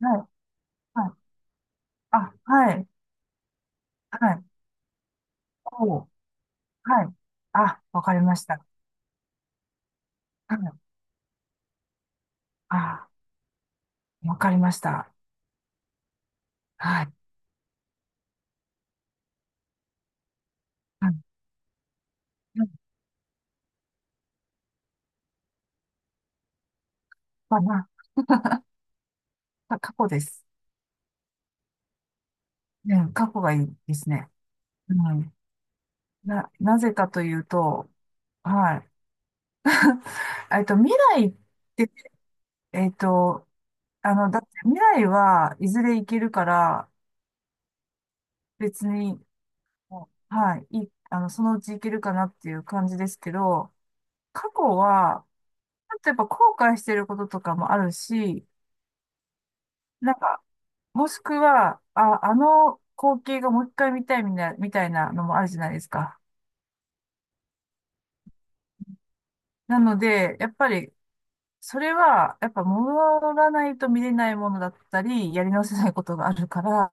はい、はい。あ、はい、はい。おう、はい。あ、わかりました。はい。あ、わかりました。はい。はい。まあ、過去です。うん、過去がいいですね。うん。なぜかというと、はい。未来って、えっと、だって未来はいずれ行けるから、別に、はい、そのうち行けるかなっていう感じですけど、過去は、やっぱ後悔してることとかもあるし、なんか、もしくは、あの光景がもう一回見たいみたいなのもあるじゃないですか。なので、やっぱり、それは、やっぱ戻らないと見れないものだったり、やり直せないことがあるから、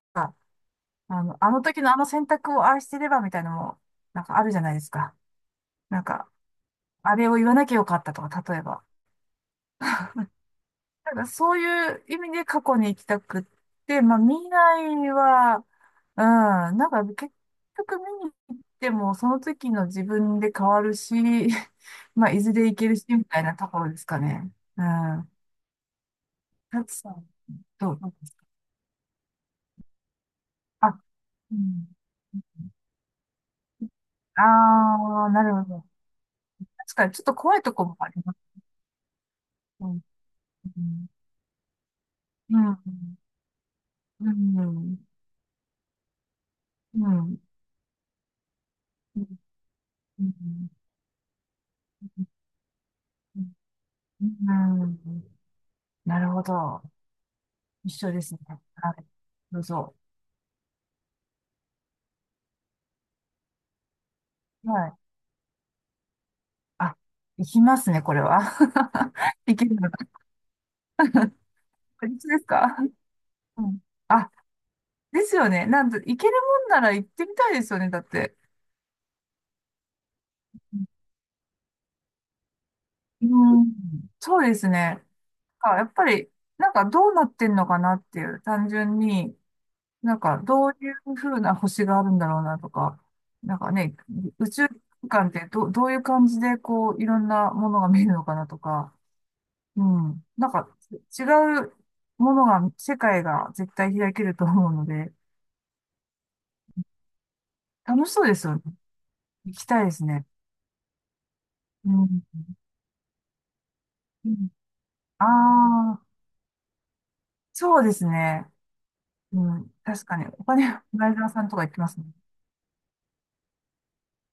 あの時のあの選択を愛してればみたいなのも、なんかあるじゃないですか。なんか、あれを言わなきゃよかったとか、例えば。なんかそういう意味で過去に行きたくって、まあ未来は、うん、なんか結局見に行ってもその時の自分で変わるし、まあいずれ行けるしみたいなところですかね。うん。タさん、どうですか？あ、うん。ああ、なるほど。確かにちょっと怖いとこもあります。うん。うん。うん。うん。うん。うん。うん。うん。なるほど。一緒ですね。はい。どうぞ。はい。あ、いきますね、これは。行けるのか。これ一緒ですか？うん。あ、ですよね。なんと、行けるもんなら行ってみたいですよね、だって。うん。うん。そうですね。あ、やっぱり、なんかどうなってんのかなっていう、単純に、なんかどういうふうな星があるんだろうなとか、なんかね、宇宙空間ってどういう感じでこう、いろんなものが見えるのかなとか、うん。なんか、違うものが、世界が絶対開けると思うので、楽しそうですよね。行きたいですね。うん。ああー、そうですね。うん。確かに。お金、ライザーさんとか行きますね。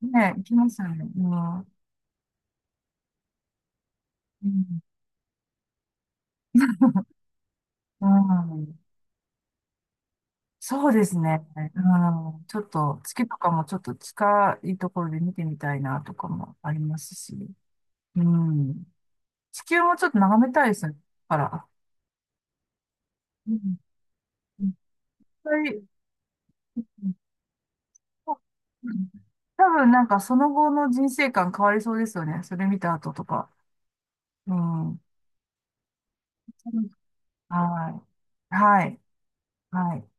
ね、行きますよね。うん。うん。うん。そうですね。うん。ちょっと、月とかもちょっと近いところで見てみたいなとかもありますし。うん。地球もちょっと眺めたいですよね。だから。うん。いっぱい。うん。うん。多分なんかその後の人生観変わりそうですよね。それ見た後とか。うん。はい。はい。はい。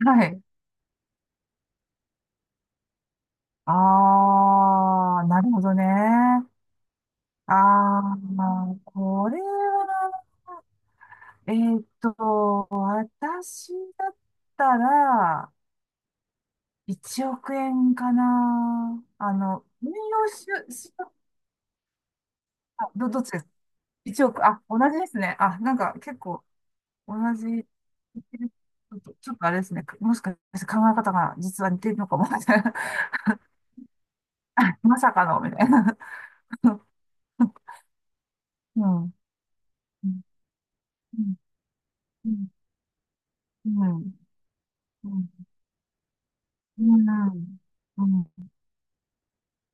はい。あー、なるほどね。あー、まあ、これは、私だったら、1億円かな。あの、運用し、し、あど、どっちです？1億。あ、同じですね。あ、なんか結構、同じ、ちょっとあれですね。もしかして考え方が実は似てるのかも。みたいな。 まさかの、みたいな。うん。うん。うん。うん。うん。うん。う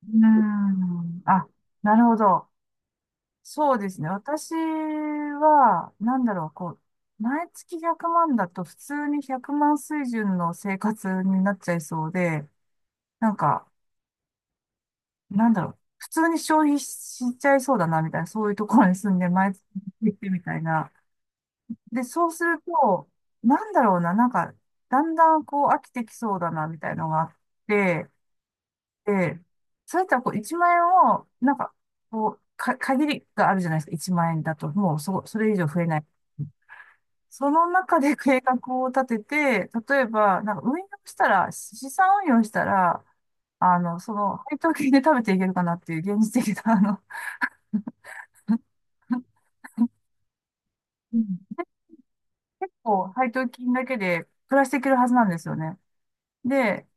ん。あ、なるほど。そうですね。私は、なんだろう、こう、毎月100万だと普通に100万水準の生活になっちゃいそうで、なんか、なんだろう、普通に消費しちゃいそうだな、みたいな、そういうところに住んで、毎月行ってみたいな。で、そうすると、なんだろうな、なんか、だんだんこう飽きてきそうだな、みたいのがあって、で、そうやったらこう1万円を、なんか、こう、限りがあるじゃないですか、1万円だと、もうそれ以上増えない。その中で計画を立てて、例えば、なんか運用したら、資産運用したら、あの、その、配当金で食べていけるかなっていう現実的な、あの、うん。結構配当金だけで暮らしていけるはずなんですよね。で、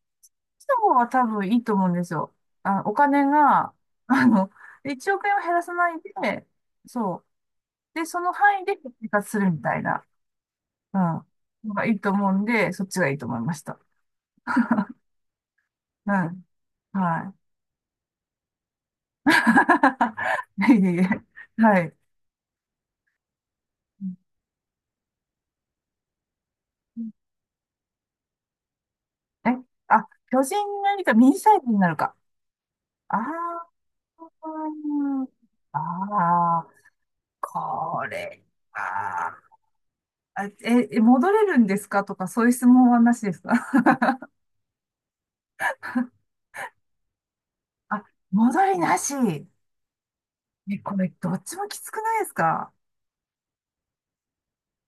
その方は多分いいと思うんですよ。あ、お金が、あの、1億円を減らさないで、そう。で、その範囲で生活するみたいな、うん、のがいいと思うんで、そっちがいいと思いました。うん。はい。いえいえ。はい。うん。え、巨人になりか、ミニサイズになるか。ああ、ああ。これは、戻れるんですかとか、そういう質問はなしですか？ あ、戻りなし。え、これ、どっちもきつくないですか？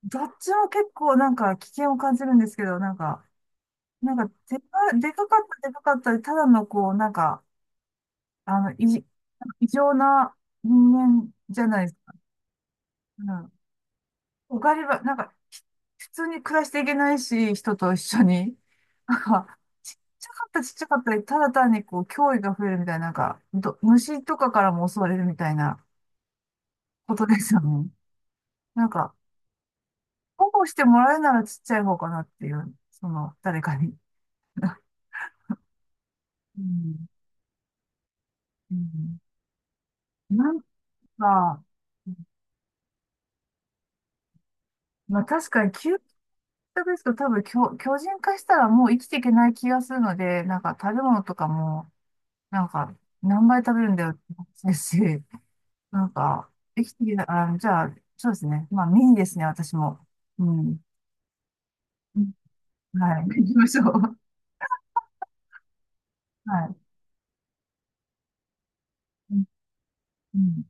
どっちも結構なんか危険を感じるんですけど、なんか、でかかった、でかかったで、ただのこう、なんか、あの、異常な人間じゃないですか。おかりば、なんか、普通に暮らしていけないし、人と一緒に。なんか、ちっちゃかったちっちゃかったで、ただ単にこう、脅威が増えるみたいな、なんか、虫とかからも襲われるみたいなことですよね。なんか、保護してもらえるならちっちゃい方かなっていう、その、誰かに。うん。うん。なんか、まあ確かに究極ですけど、多分巨人化したらもう生きていけない気がするので、なんか食べ物とかも、なんか何倍食べるんだよって話ですし、なんか、できてきた、あ、じゃあ、そうですね。まあ、メインですね、私も。うん。うん。はい。行きましょう。はい。うん。うん。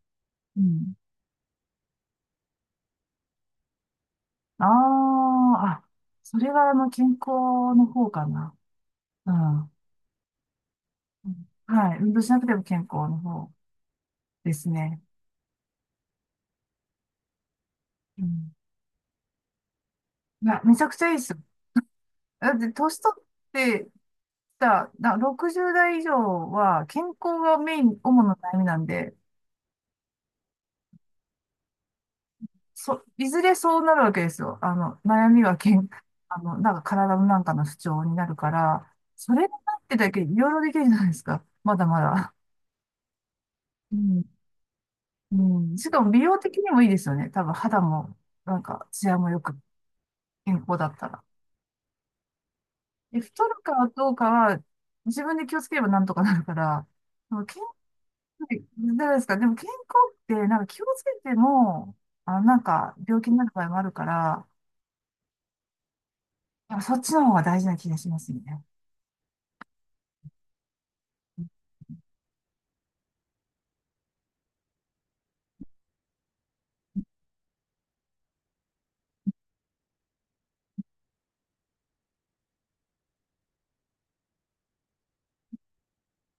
うん。あーあ、それは、あの、健康の方かな。うん。うん。はい。運動しなくても健康の方ですね。うん。いや、めちゃくちゃいいですよ。だって、年取ってきた、60代以上は、健康がメイン、主な悩みなんで、いずれそうなるわけですよ。あの、悩みは健、あの、なんか体のなんかの不調になるから、それがなってだけいろいろできるじゃないですか。まだまだ。うん。うん。しかも美容的にもいいですよね。多分肌も、なんか、ツヤもよく健康だったら。で、太るかどうかは、自分で気をつければなんとかなるから、でも健康、じゃないですか。でも健康って、なんか気をつけても、あの、なんか病気になる場合もあるから、やっぱそっちの方が大事な気がしますね。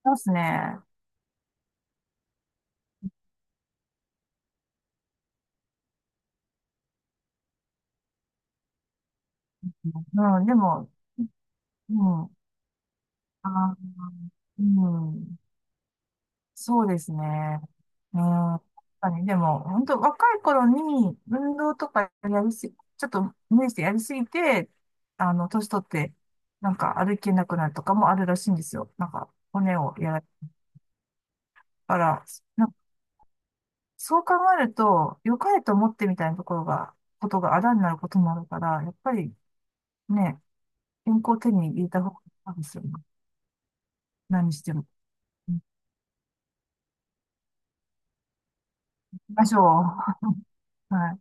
ますね。うん、でも、うん、あー、うん、そうですね。うん、確かに、でも、本当若い頃に運動とかやりすぎ、ちょっと無理してやりすぎて、あの、年取って、なんか歩けなくなるとかもあるらしいんですよ。なんか、骨をやられたから、なんかそう考えると、良かれと思ってみたいなところが、ことがあだになることもあるから、やっぱりね、健康を手に入れた方がいいですよね。何しても。ましょう。はい。